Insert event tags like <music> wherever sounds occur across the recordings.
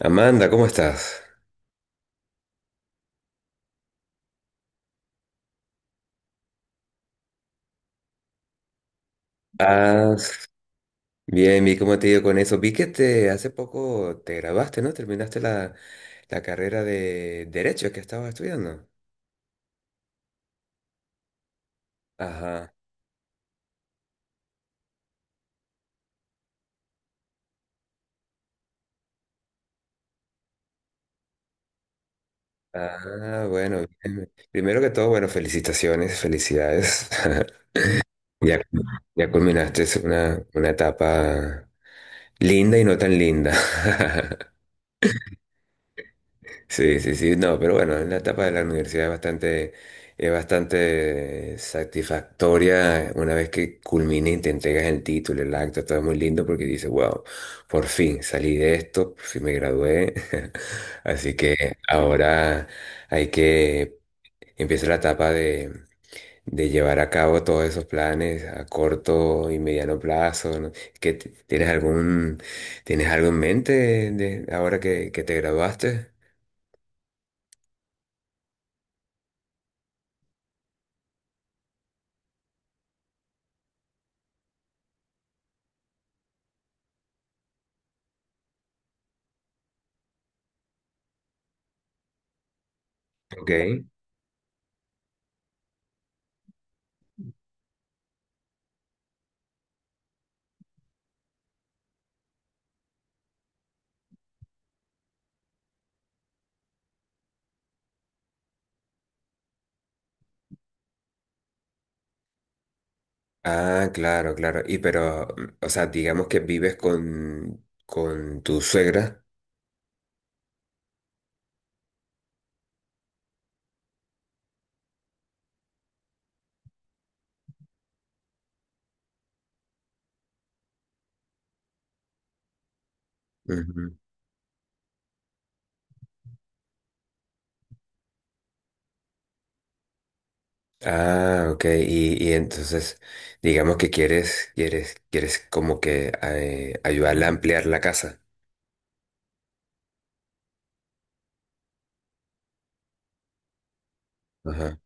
Amanda, ¿cómo estás? Ah, bien, vi cómo te ha ido con eso. Vi que hace poco te graduaste, ¿no? Terminaste la carrera de Derecho que estabas estudiando. Ajá. Ah, bueno, bien. Primero que todo, bueno, felicitaciones, felicidades. <laughs> Ya, ya culminaste una etapa linda y no tan linda. <laughs> Sí, sí, sí, no, pero bueno, en la etapa de la universidad es bastante satisfactoria una vez que culmina y te entregas el título, el acta, todo es muy lindo porque dices, wow, por fin salí de esto, por fin me gradué. <laughs> Así que ahora hay que, empieza la etapa de llevar a cabo todos esos planes a corto y mediano plazo, ¿no? Tienes tienes algo en mente de, ahora que te graduaste? Ok. Ah, claro, claro. Y pero, o sea, digamos que vives con tu suegra. Ujú. Ah, ok. Y entonces, digamos que quieres como que ayudarla a ampliar la casa. Ajá.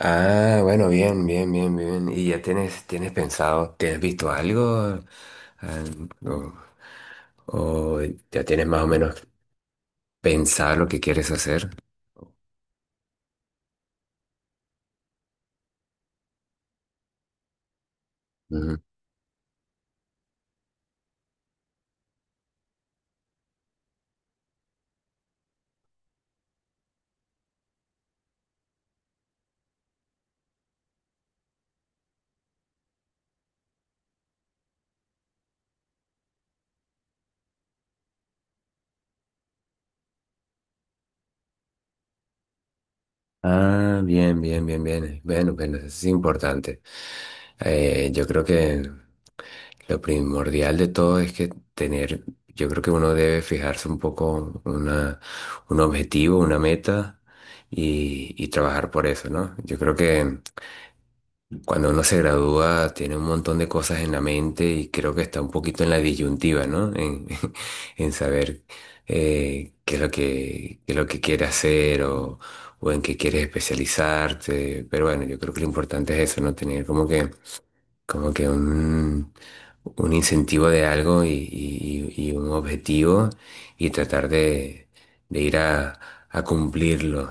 Ah, bueno, bien, bien, bien, bien. ¿Y ya tienes pensado, tienes visto algo? Ah, o, o ya tienes más o menos pensado lo que quieres hacer? Ah, bien, bien, bien, bien. Bueno, bueno, eso es importante. Yo creo que lo primordial de todo es que tener, yo creo que uno debe fijarse un poco una, un objetivo, una meta y trabajar por eso, ¿no? Yo creo que cuando uno se gradúa, tiene un montón de cosas en la mente y creo que está un poquito en la disyuntiva, ¿no? En, <laughs> en saber qué es lo qué es lo que quiere hacer o en qué quieres especializarte. Pero bueno, yo creo que lo importante es eso, ¿no? Tener como como que un incentivo de algo y un objetivo y tratar de ir a cumplirlo.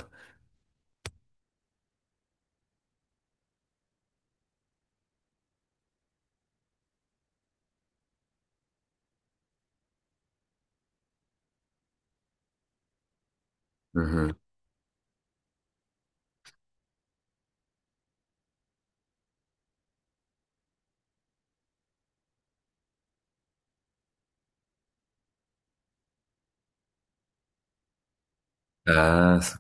Ujú. ¿Estás-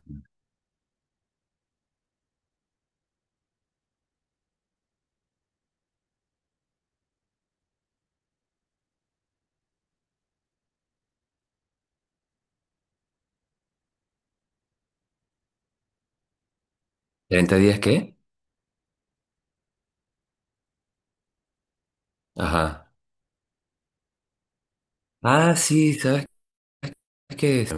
¿30 días qué? Ajá. Ah, sí, ¿sabes qué es?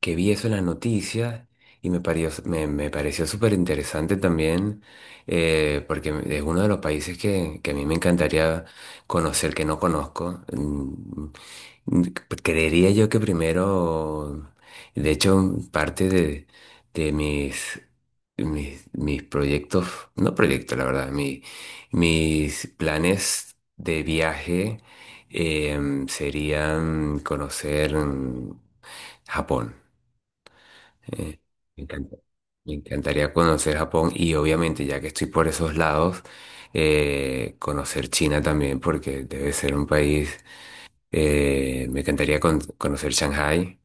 Que vi eso en las noticias y me pareció, me pareció súper interesante también, porque es uno de los países que a mí me encantaría conocer, que no conozco. Mm, Creería yo que primero, de hecho, parte de Mis, mis proyectos, no proyectos, la verdad, mis planes de viaje serían conocer Japón. Eh, me encanta- Me encantaría conocer Japón y obviamente ya que estoy por esos lados, conocer China también porque debe ser un país, me encantaría conocer Shanghái,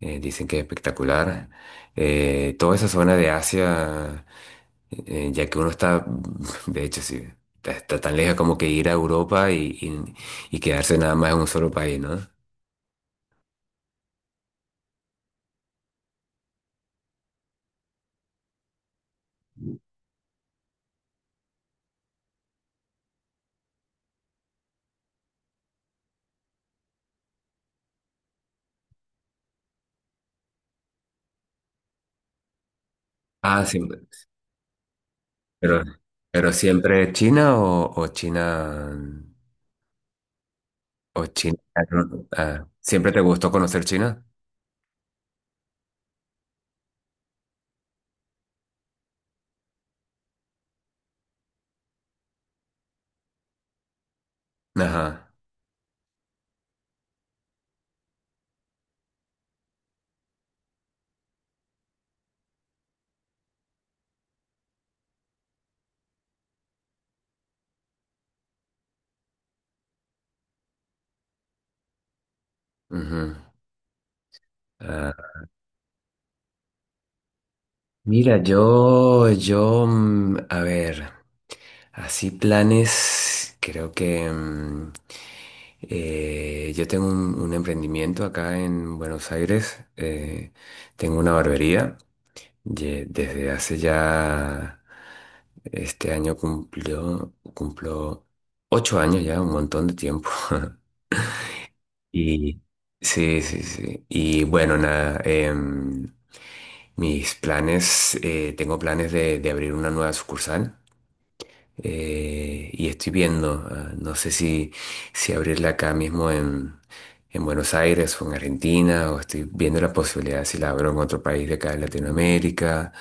dicen que es espectacular. Toda esa zona de Asia, ya que uno está, <laughs> de hecho sí, está, está tan lejos como que ir a Europa y quedarse nada más en un solo país, ¿no? Ah, sí, pero, pero siempre China o China. O China. ¿No? Ah, ¿siempre te gustó conocer China? Ajá. Ujú. Ah, mira, a ver, así planes, creo que yo tengo un emprendimiento acá en Buenos Aires, tengo una barbería, desde hace ya, este año cumplo ocho años ya, un montón de tiempo. <laughs> Y sí, sí, sí. Y bueno, nada, em, mis planes, tengo planes de abrir una nueva sucursal y estoy viendo, ah, no sé si abrirla acá mismo en Buenos Aires o en Argentina, o estoy viendo la posibilidad si la abro en otro país de acá de Latinoamérica,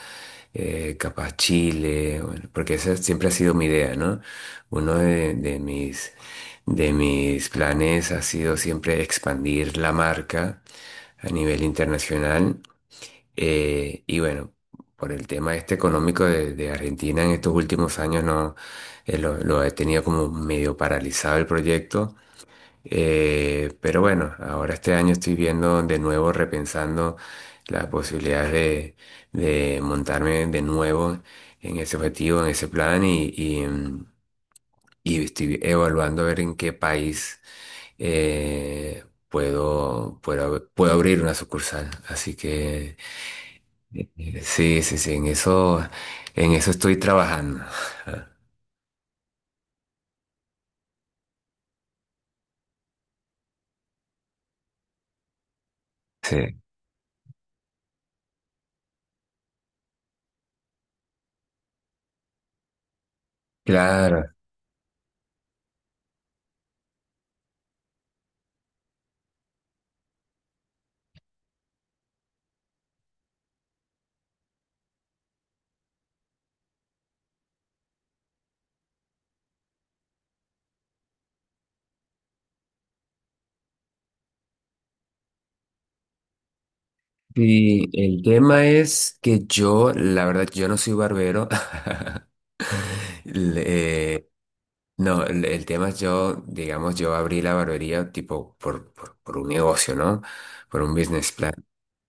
capaz Chile, bueno, porque esa siempre ha sido mi idea, ¿no? Uno de mis planes ha sido siempre expandir la marca a nivel internacional. Y bueno, por el tema este económico de Argentina en estos últimos años no lo he tenido como medio paralizado el proyecto. Pero bueno, ahora este año estoy viendo de nuevo, repensando las posibilidades de montarme de nuevo en ese objetivo, en ese plan y estoy evaluando a ver en qué país puedo abrir una sucursal. Así que... Sí, sí, sí, en eso estoy trabajando. Sí, claro. Sí. El tema es que yo, la verdad, yo no soy barbero. <laughs> Le- eh, no, el tema es yo, digamos, yo abrí la barbería tipo por un negocio, ¿no? Por un business plan.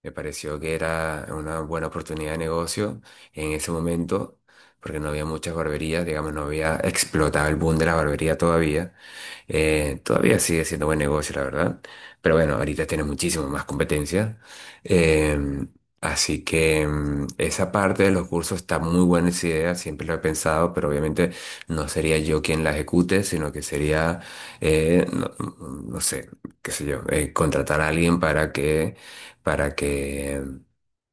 Me pareció que era una buena oportunidad de negocio en ese momento, porque no había muchas barberías, digamos, no había explotado el boom de la barbería todavía. Todavía sigue siendo buen negocio, la verdad. Pero bueno, ahorita tiene muchísimo más competencia. Eh, así que mm, esa parte de los cursos está muy buena esa idea, siempre lo he pensado, pero obviamente no sería yo quien la ejecute, sino que sería, no, no sé, qué sé yo, contratar a alguien para que,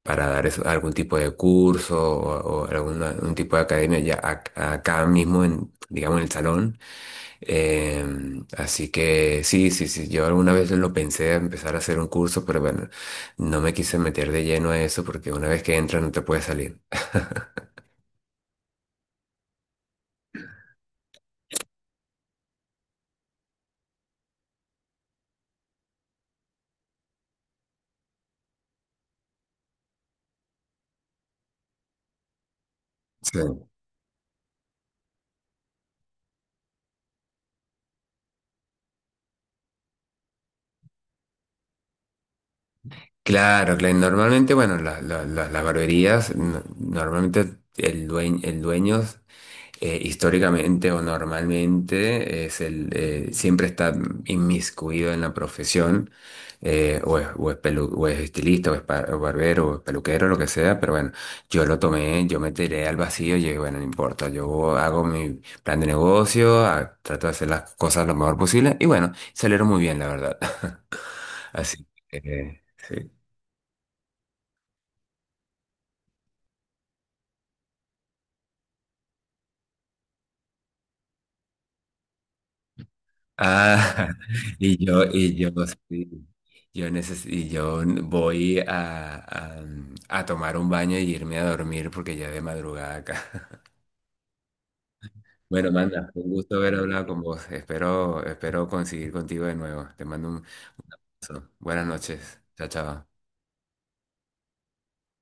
para dar algún tipo de curso o algún tipo de academia ya acá mismo en, digamos, en el salón. Em, así que sí, sí, sí, yo alguna vez lo pensé de empezar a hacer un curso, pero bueno, no me quise meter de lleno a eso porque una vez que entras no te puedes salir. Sí. Claro, claro. Normalmente, bueno, las barberías, normalmente el dueño históricamente o normalmente es el, siempre está inmiscuido en la profesión, o es o es estilista, o es o barbero, o es peluquero, lo que sea, pero bueno, yo lo tomé, yo me tiré al vacío y dije, bueno, no importa, yo hago mi plan de negocio, trato de hacer las cosas lo mejor posible y bueno, salieron muy bien, la verdad. <laughs> Así que, sí. Ah, <laughs> y yo, y yo, sí, yo neces y yo voy a, a tomar un baño y irme a dormir porque ya es de madrugada acá. <laughs> Bueno, manda, un gusto haber hablado con vos. Espero, espero conseguir contigo de nuevo. Te mando un beso. Buenas noches. Chao, chao.